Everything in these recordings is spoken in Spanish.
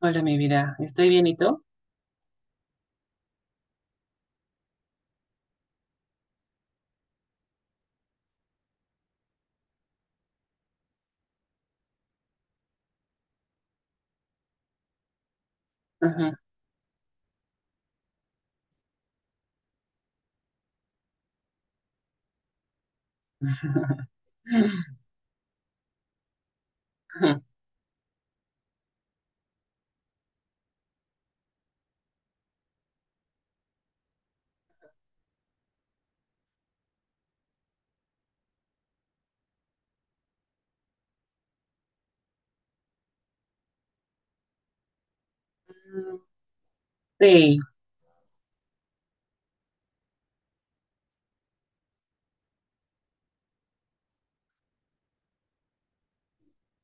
Hola, mi vida. ¿Estoy bien y tú? Ujú. Sí.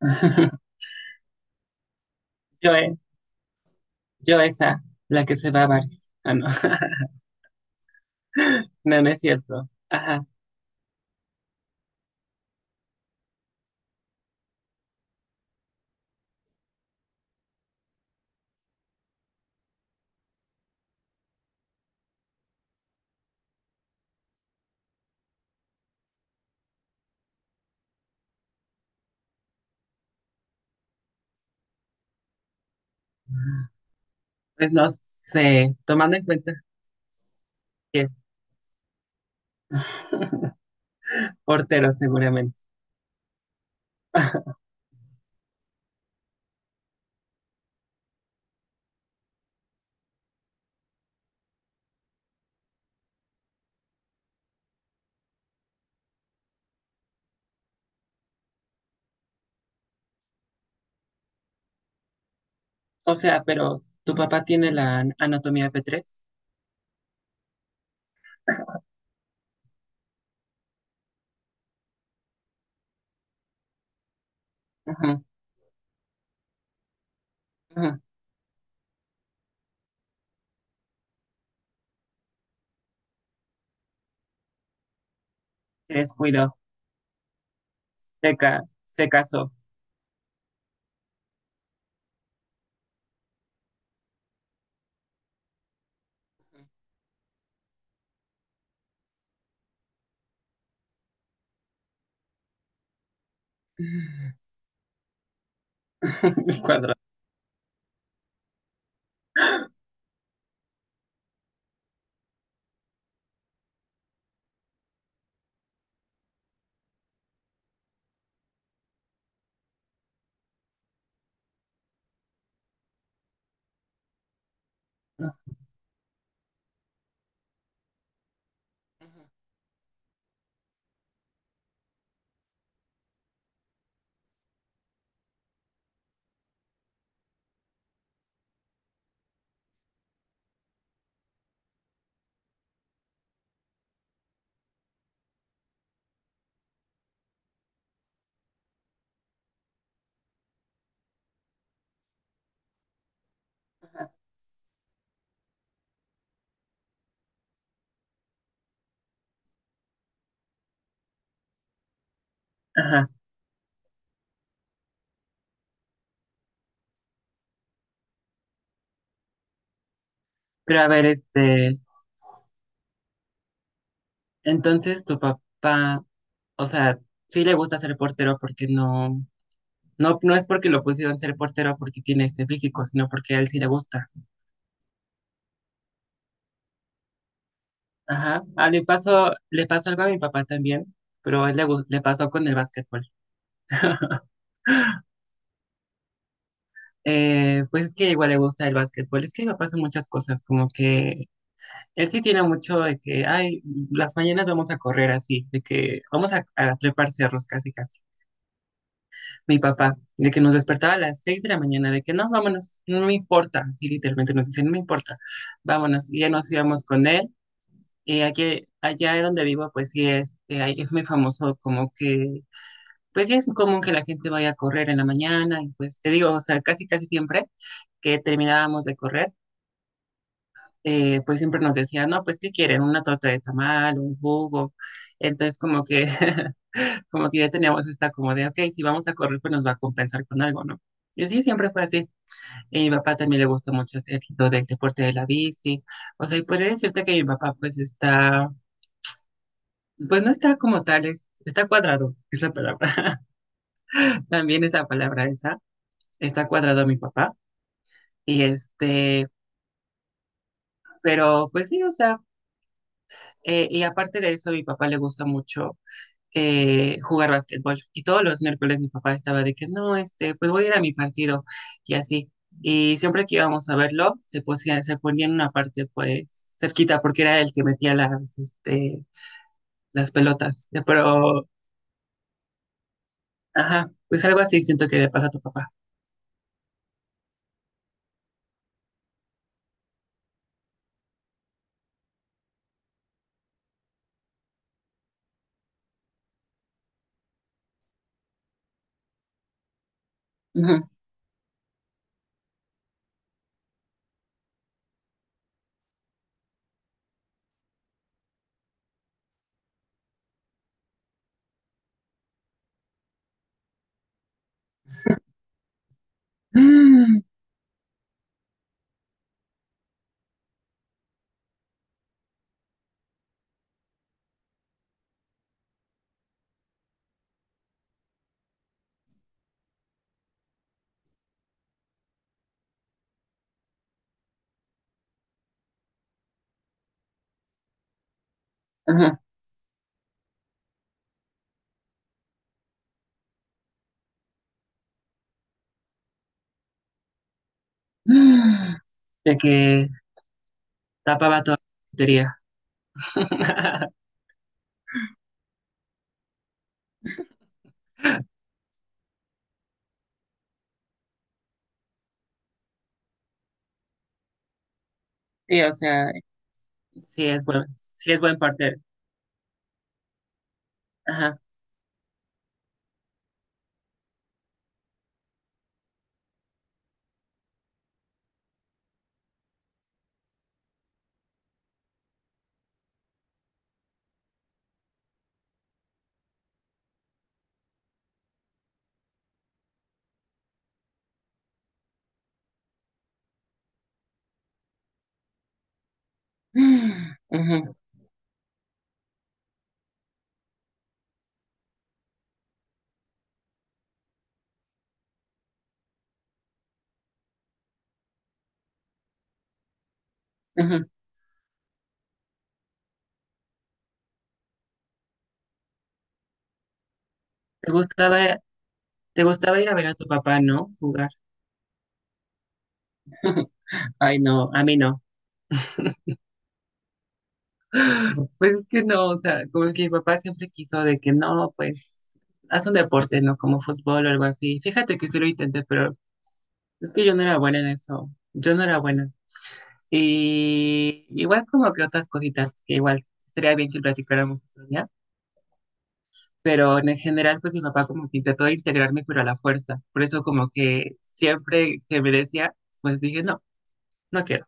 Yo, yo esa, la que se va a bares. Ah, no. No, no es cierto. Ajá. Pues no sé, tomando en cuenta que portero seguramente. O sea, pero tu papá tiene la anatomía p tres. Ujú, ujú. Se descuidó, se casó. Cuadro. Ujú. Ajá. Pero a ver, entonces, tu papá, o sea, sí le gusta ser portero porque no es porque lo pusieron ser portero porque tiene este físico, sino porque a él sí le gusta. Ajá. Ah, le pasó algo a mi papá también, pero a él le pasó con el básquetbol. Pues es que igual le gusta el básquetbol. Es que me pasan muchas cosas, como que él sí tiene mucho de que, ay, las mañanas vamos a correr así, de que vamos a trepar cerros casi casi. Mi papá, de que nos despertaba a las 6 de la mañana, de que no, vámonos, no me importa, sí, literalmente nos decían, no me importa, vámonos, y ya nos íbamos con él, y aquí, allá donde vivo, pues sí, es muy famoso como que, pues sí es común que la gente vaya a correr en la mañana, y pues te digo, o sea, casi casi siempre que terminábamos de correr, pues siempre nos decían, no, pues ¿qué quieren? Una torta de tamal, un jugo, entonces como que, como que ya teníamos esta como de, ok, si vamos a correr, pues nos va a compensar con algo, ¿no? Y sí, siempre fue así. Y a mi papá también le gusta mucho hacer lo del deporte de la bici. O sea, y podría decirte que mi papá pues está, pues no está como tal, está cuadrado, es la palabra. También esa palabra esa, está cuadrado mi papá. Y este, pero pues sí, o sea, y aparte de eso, a mi papá le gusta mucho jugar básquetbol. Y todos los miércoles mi papá estaba de que no, este, pues voy a ir a mi partido y así. Y siempre que íbamos a verlo, se ponía en una parte pues cerquita porque era el que metía las, este, las pelotas. Pero, ajá, pues algo así siento que le pasa a tu papá. Ujú, ajá. De que tapaba toda la portería. Sí, o sea, sí es buen partner. Ajá. Ujú, ujú. ¿Te gustaba, te gustaba ir a ver a tu papá, ¿no? Jugar. Ay, no, a mí no. Pues es que no, o sea, como que mi papá siempre quiso de que no, pues haz un deporte, ¿no? Como fútbol o algo así. Fíjate que sí lo intenté, pero es que yo no era buena en eso. Yo no era buena. Y igual como que otras cositas que igual sería bien que platicáramos otro día. Pero en general, pues mi papá como que intentó integrarme, pero a la fuerza. Por eso como que siempre que me decía, pues dije, no, no quiero.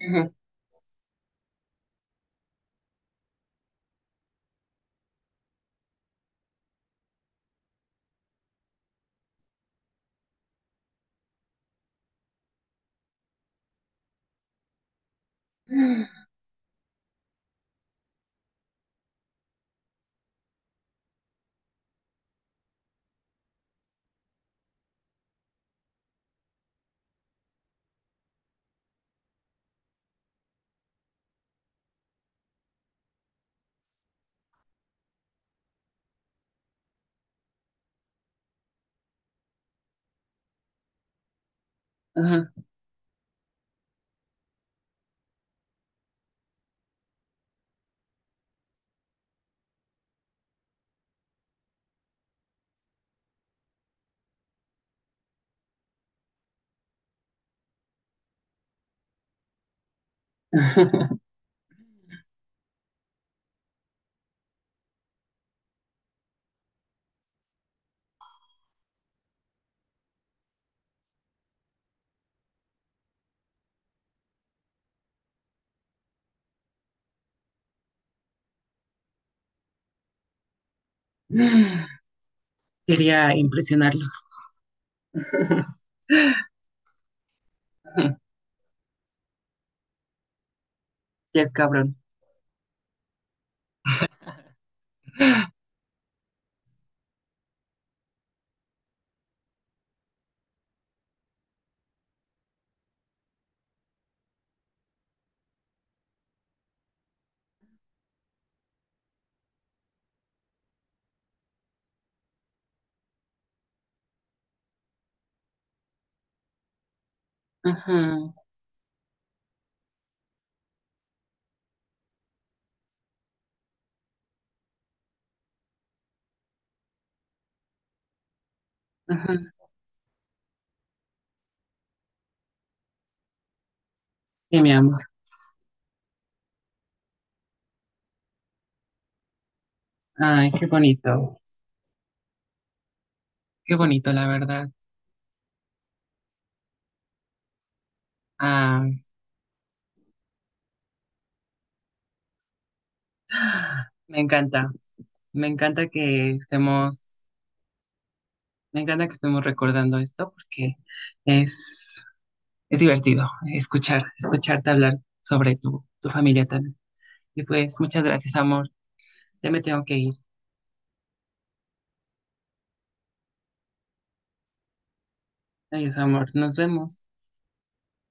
Ujú. Ajá. Quería impresionarlo. Ya es cabrón. Ajá. Ajá. Sí, mi amor. Ay, qué bonito. Qué bonito, la verdad. Ah, me encanta. Me encanta que estemos, me encanta que estemos recordando esto porque es, es divertido escucharte hablar sobre tu familia también. Y pues, muchas gracias, amor. Ya me tengo que ir. Adiós, amor. Nos vemos.